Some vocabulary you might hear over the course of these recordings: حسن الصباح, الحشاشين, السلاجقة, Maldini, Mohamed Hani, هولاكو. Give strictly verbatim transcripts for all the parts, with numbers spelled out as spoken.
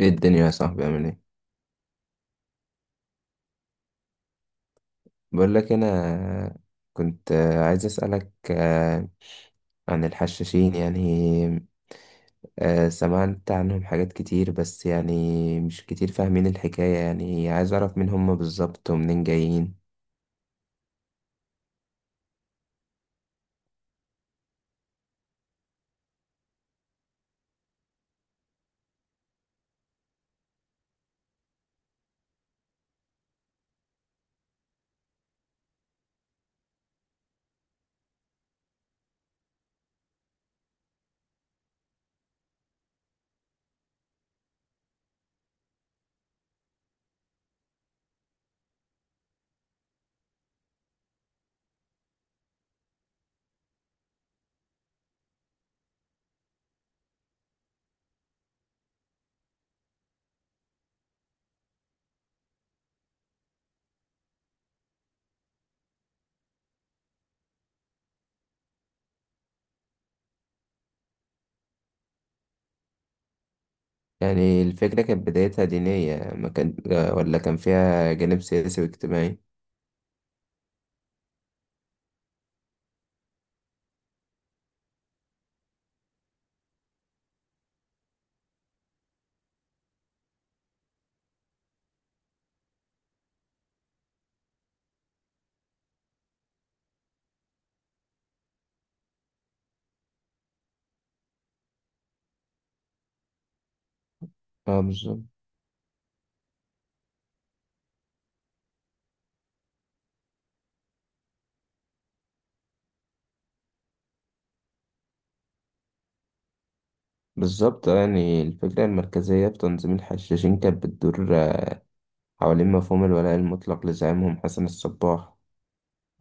ايه الدنيا يا صاحبي، عامل ايه؟ بقول لك انا. كنت عايز اسالك آه، عن الحشاشين يعني. آه، سمعت عنهم حاجات كتير بس يعني مش كتير فاهمين الحكايه، يعني عايز اعرف مين هم بالظبط ومنين جايين. يعني الفكره كانت بدايتها دينيه ما كان، آه، ولا كان فيها جانب سياسي واجتماعي؟ اه، بالظبط. بالظبط، آه، يعني الفكره المركزيه في تنظيم الحشاشين كانت بتدور آه، حوالين مفهوم الولاء المطلق لزعيمهم حسن الصباح.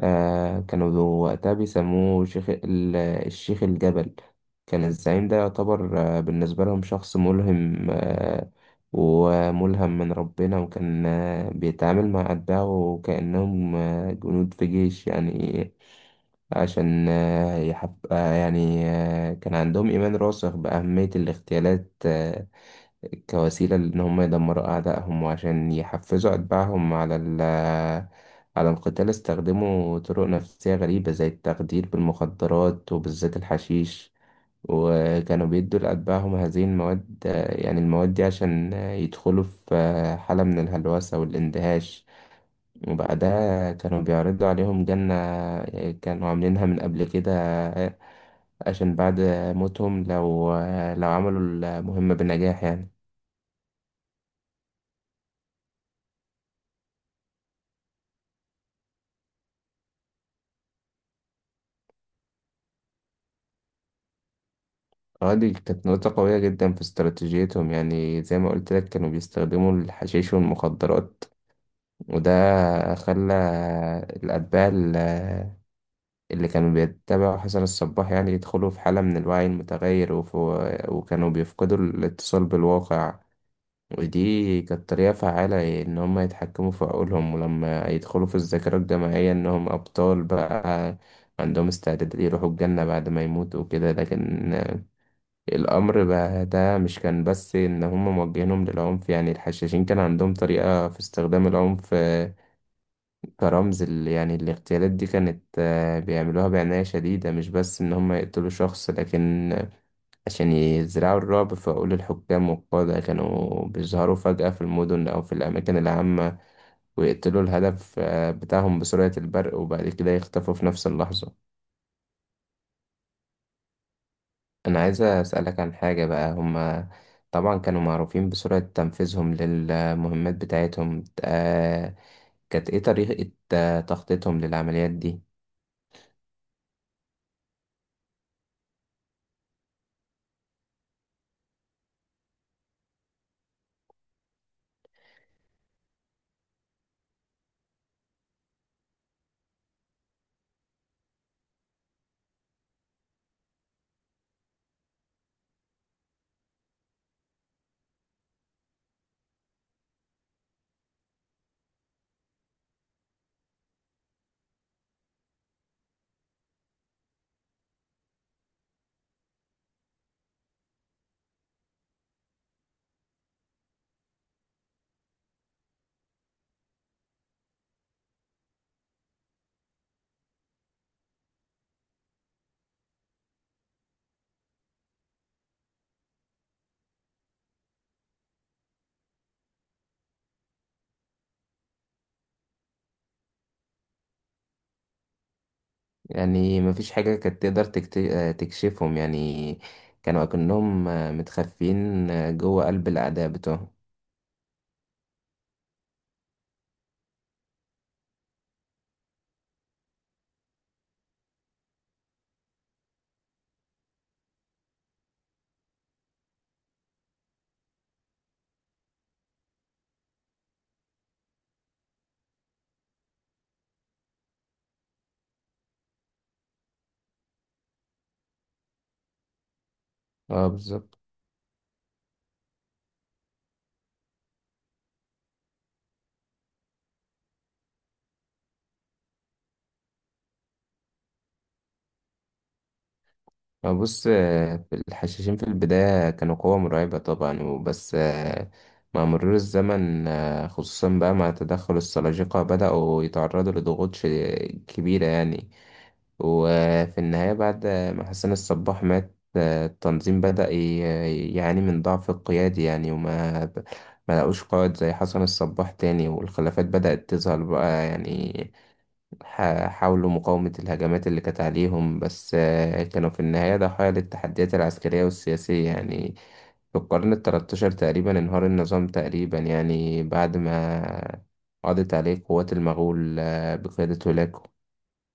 آه كانوا ذو- وقتها بيسموه شيخ ال- الشيخ الجبل. كان الزعيم ده يعتبر آه بالنسبة لهم شخص ملهم آه وملهم من ربنا، وكان آه بيتعامل مع أتباعه كأنهم آه جنود في جيش يعني. عشان آه يحب آه يعني آه كان عندهم إيمان راسخ بأهمية الاغتيالات آه، كوسيلة لأن هم يدمروا أعدائهم، وعشان يحفزوا أتباعهم على ال على القتال، استخدموا طرق نفسية غريبة زي التخدير بالمخدرات وبالذات الحشيش. وكانوا بيدوا لأتباعهم هذه المواد، يعني المواد دي عشان يدخلوا في حالة من الهلوسة والاندهاش، وبعدها كانوا بيعرضوا عليهم جنة كانوا عاملينها من قبل كده، عشان بعد موتهم لو لو عملوا المهمة بنجاح يعني. اه، دي كانت نقطة قوية جدا في استراتيجيتهم، يعني زي ما قلت لك كانوا بيستخدموا الحشيش والمخدرات. وده خلى الأتباع ال- اللي كانوا بيتبعوا حسن الصباح يعني يدخلوا في حالة من الوعي المتغير وف- وكانوا بيفقدوا الاتصال بالواقع. ودي كانت طريقة فعالة إن هم يتحكموا في عقولهم، ولما يدخلوا في الذاكرة الجماعية إنهم أبطال بقى عندهم استعداد يروحوا الجنة بعد ما يموتوا وكده. لكن الأمر بقى ده مش كان بس إن هم موجهينهم للعنف، يعني الحشاشين كان عندهم طريقة في استخدام العنف، آه، كرمز، ال- يعني الاغتيالات دي كانت آه، بيعملوها بعناية شديدة مش بس إن هم يقتلوا شخص، لكن عشان يزرعوا الرعب في عقول الحكام والقادة. كانوا بيظهروا فجأة في المدن أو في الأماكن العامة ويقتلوا الهدف آه، بتاعهم بسرعة البرق، وبعد كده يختفوا في نفس اللحظة. أنا عايز أسألك عن حاجة بقى. هما طبعا كانوا معروفين بسرعة تنفيذهم للمهمات بتاعتهم، آه، كانت إيه طريقة آه، تخطيطهم للعمليات دي؟ يعني مفيش حاجة كانت تقدر تكت- آه، تكشفهم يعني. كانوا أكنهم آه، متخفين آه، جوه قلب الأعداء بتوعهم. اه، بالظبط. بص، آه، الحشاشين في البداية كانوا قوة مرعبة طبعا وبس، آه، مع مرور الزمن، آه، خصوصا بقى مع تدخل السلاجقة بدأوا يتعرضوا لضغوط ش- كبيرة يعني. وفي النهاية بعد ما حسن الصباح مات، آه، التنظيم بدأ ي- يعاني من ضعف القيادي يعني وما ب- ما لقوش قائد زي حسن الصباح تاني، والخلافات بدأت تظهر بقى يعني. ح- حاولوا مقاومة الهجمات اللي كانت عليهم، بس آه، كانوا في النهاية ضحايا للتحديات العسكرية والسياسية يعني. في القرن التلتاشر تقريبا انهار النظام تقريبا، يعني بعد ما قضت عليه قوات المغول، آه، بقيادة هولاكو.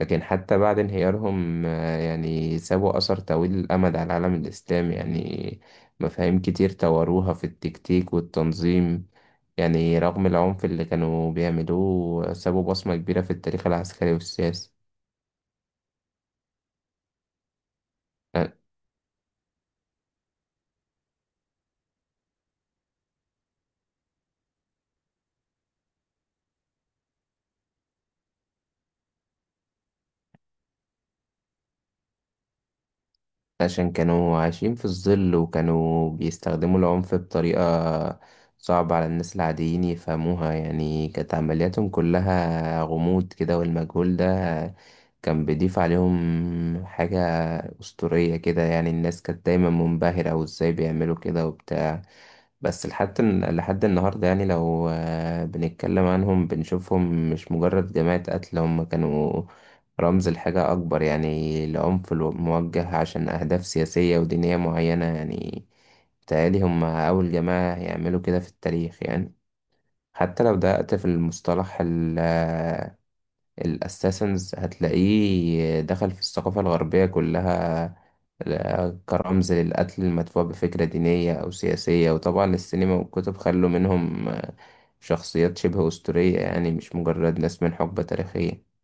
لكن حتى بعد انهيارهم، آه، يعني سابوا أثر طويل الأمد على العالم الإسلامي يعني. مفاهيم كتير طوروها في التكتيك والتنظيم، يعني رغم العنف اللي كانوا بيعملوه سابوا بصمة كبيرة في التاريخ العسكري والسياسي. عشان كانوا عايشين في الظل وكانوا بيستخدموا العنف بطريقة صعبة على الناس العاديين يفهموها، يعني كانت عملياتهم كلها غموض كده، والمجهول ده كان بيضيف عليهم حاجة أسطورية كده. يعني الناس كانت دايما منبهرة وازاي بيعملوا كده وبتاع. بس لحد لحد النهاردة يعني لو آه، بنتكلم عنهم بنشوفهم مش مجرد جماعة قتل، هم كانوا رمز لحاجة أكبر، يعني لعنف الو- موجه عشان أهداف سياسية ودينية معينة يعني. بيتهيألي هم أول جماعة يعملوا كده في التاريخ يعني. حتى لو دققت في المصطلح الاساسنز هتلاقيه دخل في الثقافة الغربية كلها ل- كرمز للقتل المدفوع بفكرة دينية أو سياسية، وطبعا السينما والكتب خلوا منهم آه، شخصيات شبه أسطورية، يعني مش مجرد ناس من حقبة تاريخية.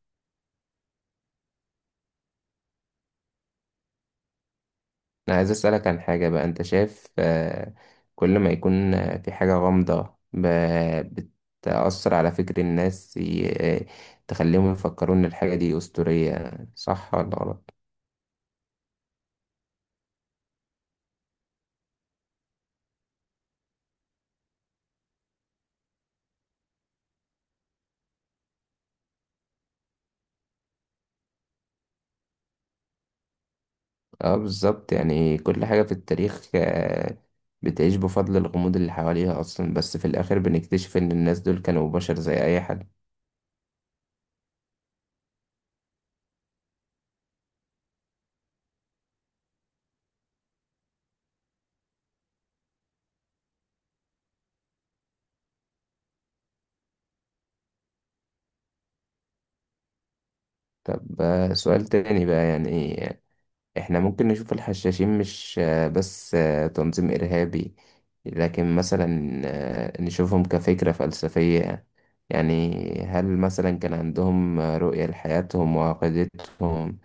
أنا عايز أسألك عن حاجة بقى. أنت شايف آه، كل ما يكون آه، في حاجة غامضة ب- بتأثر على فكر الناس، ي- آه، تخليهم يفكروا إن الحاجة دي أسطورية، صح ولا غلط؟ اه، بالظبط. يعني كل حاجة في التاريخ آه، بتعيش بفضل الغموض اللي حواليها أصلا، بس في الآخر بنكتشف إن الناس دول كانوا بشر زي أي حد. طب، آه، سؤال تاني بقى يعني. إحنا ممكن نشوف الحشاشين مش آه، بس آه، تنظيم إرهابي، لكن مثلا آه، نشوفهم كفكرة فلسفية. يعني هل مثلا كان عندهم آه، رؤية لحياتهم وعقيدتهم؟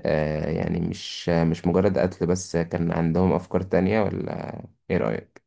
آه يعني مش مش مجرد قتل، بس كان عندهم أفكار تانية ولا إيه رأيك؟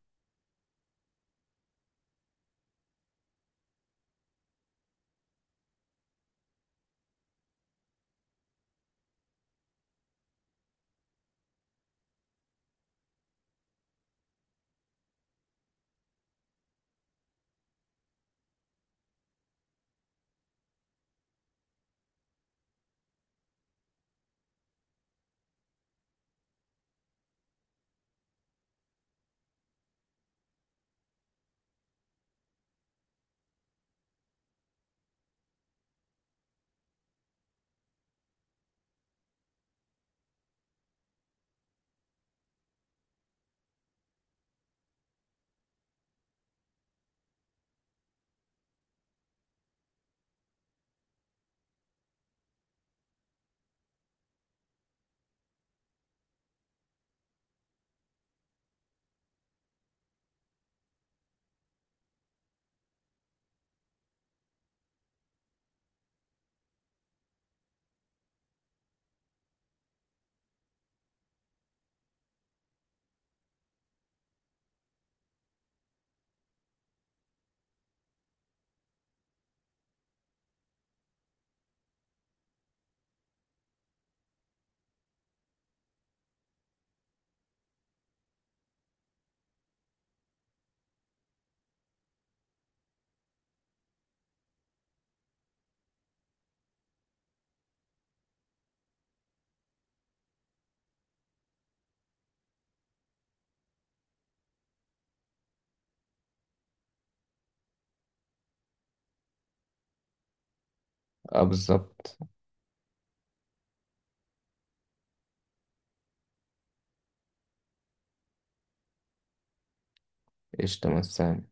اه، بالظبط. قشطة مثلا.